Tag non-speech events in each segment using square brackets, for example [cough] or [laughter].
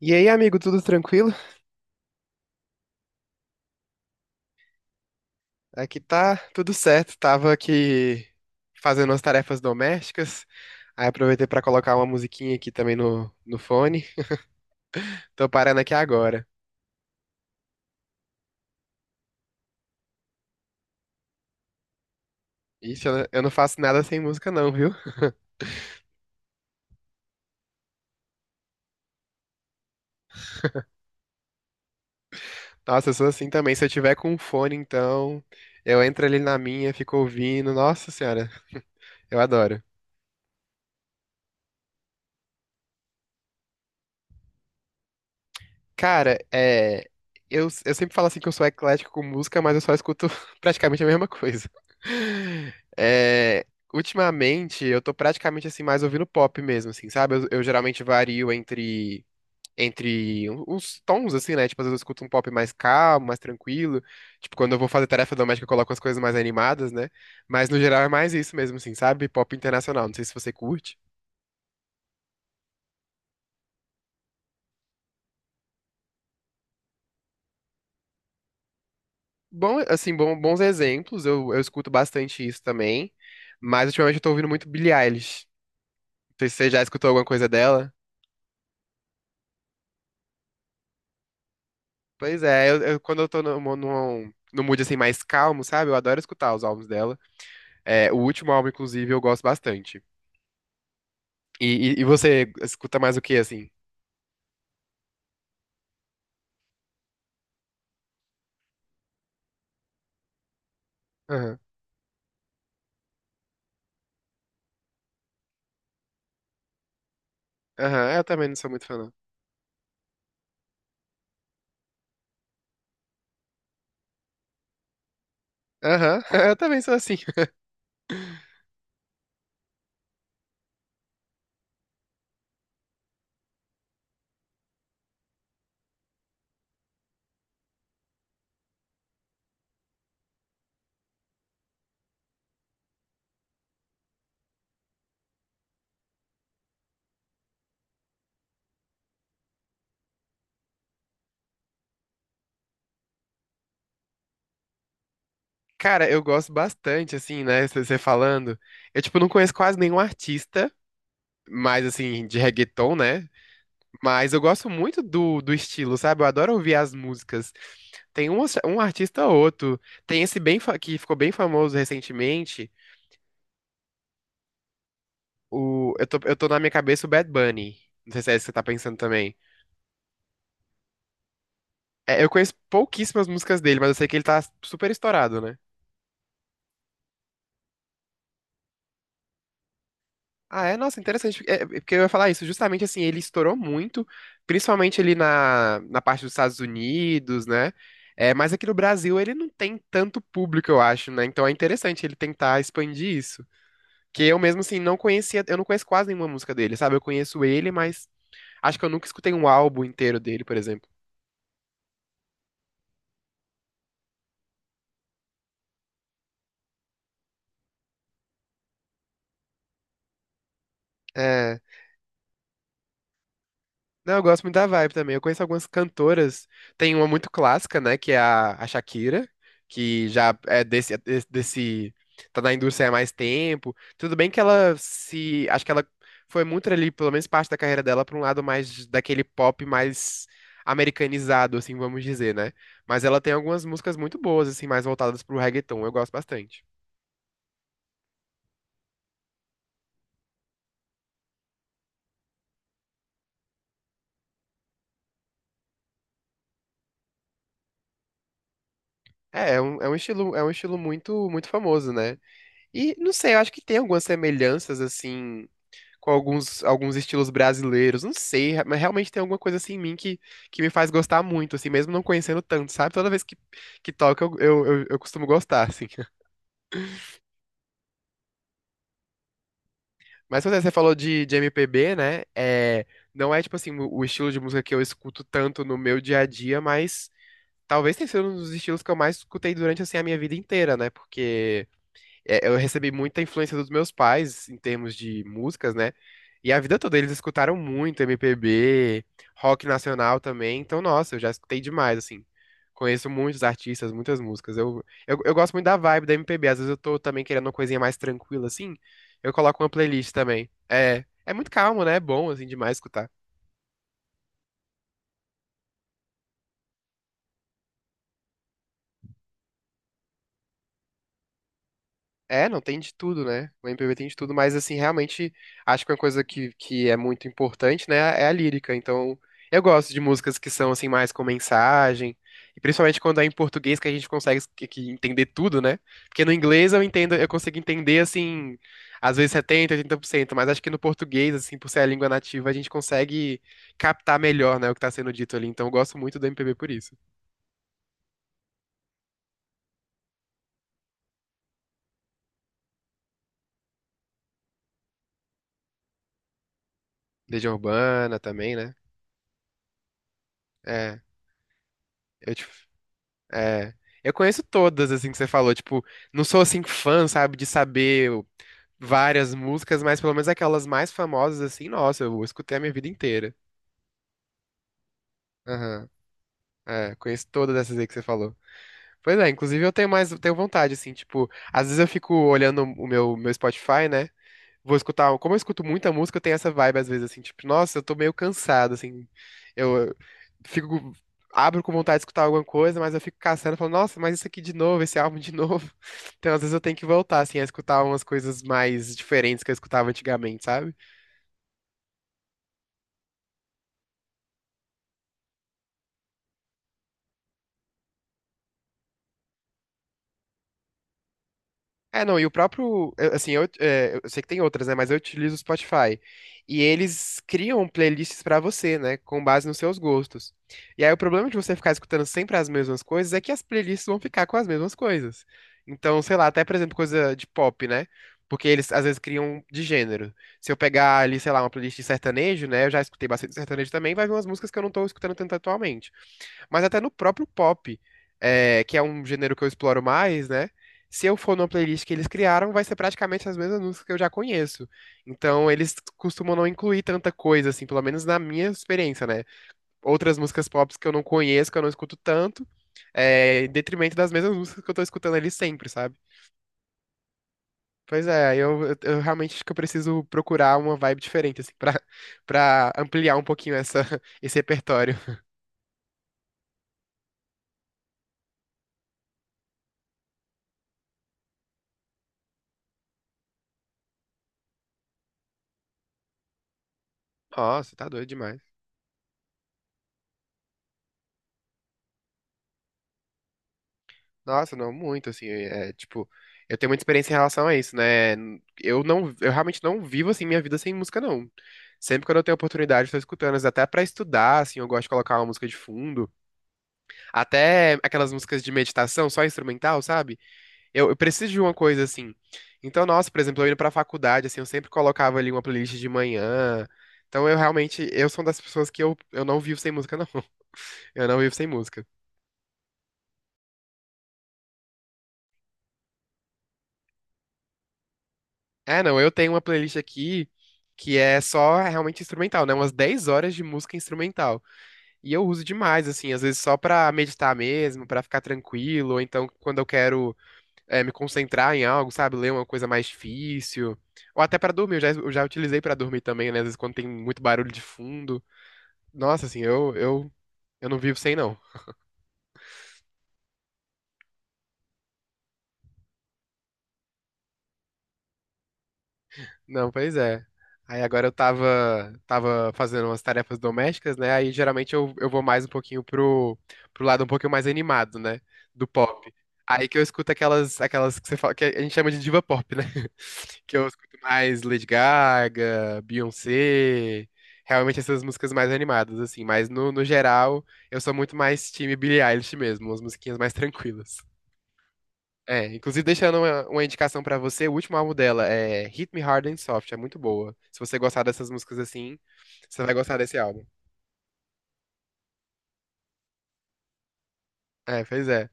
E aí, amigo, tudo tranquilo? Aqui tá tudo certo. Tava aqui fazendo as tarefas domésticas. Aí aproveitei pra colocar uma musiquinha aqui também no fone. Tô parando aqui agora. Ixi, eu não faço nada sem música não, viu? Nossa, eu sou assim também. Se eu tiver com um fone, então, eu entro ali na minha, fico ouvindo. Nossa senhora, eu adoro. Cara, é. Eu sempre falo assim que eu sou eclético com música, mas eu só escuto [laughs] praticamente a mesma coisa. É, ultimamente, eu tô praticamente assim, mais ouvindo pop mesmo, assim, sabe? Eu geralmente vario entre. Entre um, uns tons, assim, né? Tipo, às vezes eu escuto um pop mais calmo, mais tranquilo. Tipo, quando eu vou fazer tarefa doméstica, eu coloco as coisas mais animadas, né? Mas no geral é mais isso mesmo, assim, sabe? Pop internacional. Não sei se você curte. Bom, assim, bons exemplos, eu escuto bastante isso também, mas ultimamente eu tô ouvindo muito Billie Eilish. Não sei se você já escutou alguma coisa dela. Pois é, quando eu tô no mood assim mais calmo, sabe? Eu adoro escutar os álbuns dela. É, o último álbum, inclusive, eu gosto bastante. E, e você escuta mais o que, assim? Aham, aham, eu também não sou muito fã, não. Aham, [laughs] eu também sou assim. Cara, eu gosto bastante, assim, né? Você falando. Eu, tipo, não conheço quase nenhum artista, mais assim, de reggaeton, né? Mas eu gosto muito do estilo, sabe? Eu adoro ouvir as músicas. Tem um artista ou outro. Tem esse bem que ficou bem famoso recentemente. O, eu tô na minha cabeça o Bad Bunny. Não sei se é esse que você tá pensando também. É, eu conheço pouquíssimas músicas dele, mas eu sei que ele tá super estourado, né? Ah, é? Nossa, interessante. É, é porque eu ia falar isso. Justamente assim, ele estourou muito, principalmente ali na parte dos Estados Unidos, né? É, mas aqui no Brasil ele não tem tanto público, eu acho, né? Então é interessante ele tentar expandir isso. Que eu mesmo, assim, não conhecia, eu não conheço quase nenhuma música dele, sabe? Eu conheço ele, mas acho que eu nunca escutei um álbum inteiro dele, por exemplo. É. Não, eu gosto muito da vibe também. Eu conheço algumas cantoras. Tem uma muito clássica, né? Que é a Shakira, que já é desse, desse- Tá na indústria há mais tempo. Tudo bem que ela se. Acho que ela foi muito ali, pelo menos parte da carreira dela, pra um lado mais daquele pop mais americanizado, assim, vamos dizer, né? Mas ela tem algumas músicas muito boas, assim, mais voltadas pro reggaeton. Eu gosto bastante. É um estilo muito, muito famoso, né? E não sei, eu acho que tem algumas semelhanças, assim com alguns estilos brasileiros. Não sei, mas realmente tem alguma coisa assim em mim que me faz gostar muito, assim, mesmo não conhecendo tanto, sabe? Toda vez que, que toca, eu costumo gostar, assim. [laughs] Mas pois é, você falou de MPB, né? É, não é, tipo assim, o estilo de música que eu escuto tanto no meu dia a dia, mas talvez tenha sido um dos estilos que eu mais escutei durante, assim, a minha vida inteira, né? Porque... é, eu recebi muita influência dos meus pais em termos de músicas, né? E a vida toda eles escutaram muito MPB, rock nacional também. Então, nossa, eu já escutei demais, assim. Conheço muitos artistas, muitas músicas. Eu gosto muito da vibe da MPB. Às vezes eu tô também querendo uma coisinha mais tranquila, assim. Eu coloco uma playlist também. É muito calmo, né? É bom, assim, demais escutar. É, não tem de tudo, né? O MPB tem de tudo, mas assim, realmente acho que uma coisa que é muito importante, né, é a lírica. Então, eu gosto de músicas que são assim mais com mensagem, e principalmente quando é em português que a gente consegue que entender tudo, né? Porque no inglês eu entendo, eu consigo entender assim, às vezes 70, 80%, mas acho que no português, assim, por ser a língua nativa, a gente consegue captar melhor, né, o que tá sendo dito ali. Então, eu gosto muito do MPB por isso. Legião Urbana também, né? É. Eu te, É. Eu conheço todas, assim, que você falou. Tipo, não sou, assim, fã, sabe, várias músicas, mas pelo menos aquelas mais famosas, assim, nossa, eu escutei a minha vida inteira. Aham. É, conheço todas essas aí que você falou. Pois é, inclusive eu tenho mais, tenho vontade, assim, tipo, às vezes eu fico olhando o meu Spotify, né? Vou escutar, como eu escuto muita música, eu tenho essa vibe às vezes assim, tipo, nossa, eu tô meio cansado, assim. Eu fico abro com vontade de escutar alguma coisa, mas eu fico caçando, falo, nossa, mas isso aqui de novo, esse álbum de novo. [laughs] Então, às vezes eu tenho que voltar assim a escutar umas coisas mais diferentes que eu escutava antigamente, sabe? É, não, e o próprio, assim, eu sei que tem outras, né, mas eu utilizo o Spotify. E eles criam playlists pra você, né, com base nos seus gostos. E aí o problema de você ficar escutando sempre as mesmas coisas é que as playlists vão ficar com as mesmas coisas. Então, sei lá, até por exemplo, coisa de pop, né? Porque eles às vezes criam de gênero. Se eu pegar ali, sei lá, uma playlist de sertanejo, né, eu já escutei bastante sertanejo também, vai vir umas músicas que eu não tô escutando tanto atualmente. Mas até no próprio pop, é, que é um gênero que eu exploro mais, né? Se eu for numa playlist que eles criaram, vai ser praticamente as mesmas músicas que eu já conheço. Então, eles costumam não incluir tanta coisa, assim, pelo menos na minha experiência, né? Outras músicas pop que eu não conheço, que eu não escuto tanto, é, em detrimento das mesmas músicas que eu tô escutando ali sempre, sabe? Pois é, eu realmente acho que eu preciso procurar uma vibe diferente, assim, pra, [laughs] pra ampliar um pouquinho essa, [laughs] esse repertório. Nossa, tá doido demais. Nossa, não, muito, assim, tipo, eu tenho muita experiência em relação a isso, né? Eu realmente não vivo, assim, minha vida sem música, não. Sempre quando eu tenho oportunidade, eu tô escutando, mas até pra estudar, assim, eu gosto de colocar uma música de fundo. Até aquelas músicas de meditação, só instrumental, sabe? Eu preciso de uma coisa, assim. Então, nossa, por exemplo, eu indo pra faculdade, assim, eu sempre colocava ali uma playlist de manhã. Então, eu realmente, eu, sou uma das pessoas que eu não vivo sem música, não. [laughs] Eu não vivo sem música. É, não, eu tenho uma playlist aqui que é só realmente instrumental, né? Umas 10 horas de música instrumental. E eu uso demais, assim, às vezes só pra meditar mesmo, pra ficar tranquilo, ou então quando eu quero me concentrar em algo, sabe? Ler uma coisa mais difícil. Ou até pra dormir, eu já utilizei pra dormir também, né? Às vezes quando tem muito barulho de fundo. Nossa, assim, eu não vivo sem, não. Não, pois é. Aí agora eu tava fazendo umas tarefas domésticas, né? Aí geralmente eu vou mais um pouquinho pro lado um pouquinho mais animado, né? Do pop. Aí que eu escuto aquelas que você fala, que a gente chama de diva pop, né? [laughs] Que eu escuto mais Lady Gaga, Beyoncé, realmente essas músicas mais animadas, assim. Mas no geral, eu sou muito mais time Billie Eilish mesmo, umas musiquinhas mais tranquilas. É, inclusive deixando uma indicação pra você, o último álbum dela é Hit Me Hard and Soft, é muito boa. Se você gostar dessas músicas assim, você vai gostar desse álbum. É, pois é.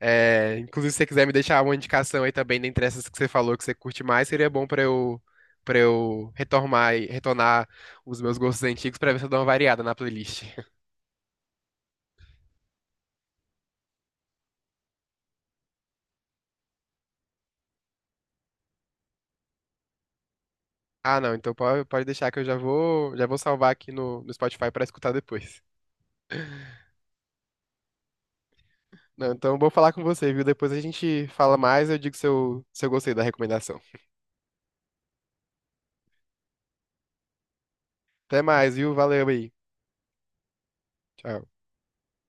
É, inclusive se você quiser me deixar uma indicação aí também dentre essas que você falou que você curte mais, seria bom pra eu para eu retomar e retornar os meus gostos antigos pra ver se eu dou uma variada na playlist. [laughs] Ah, não, então pode deixar que eu já vou salvar aqui no Spotify pra escutar depois. [laughs] Não, então vou falar com você, viu? Depois a gente fala mais, eu digo se eu gostei da recomendação. Até mais, viu? Valeu aí. Tchau.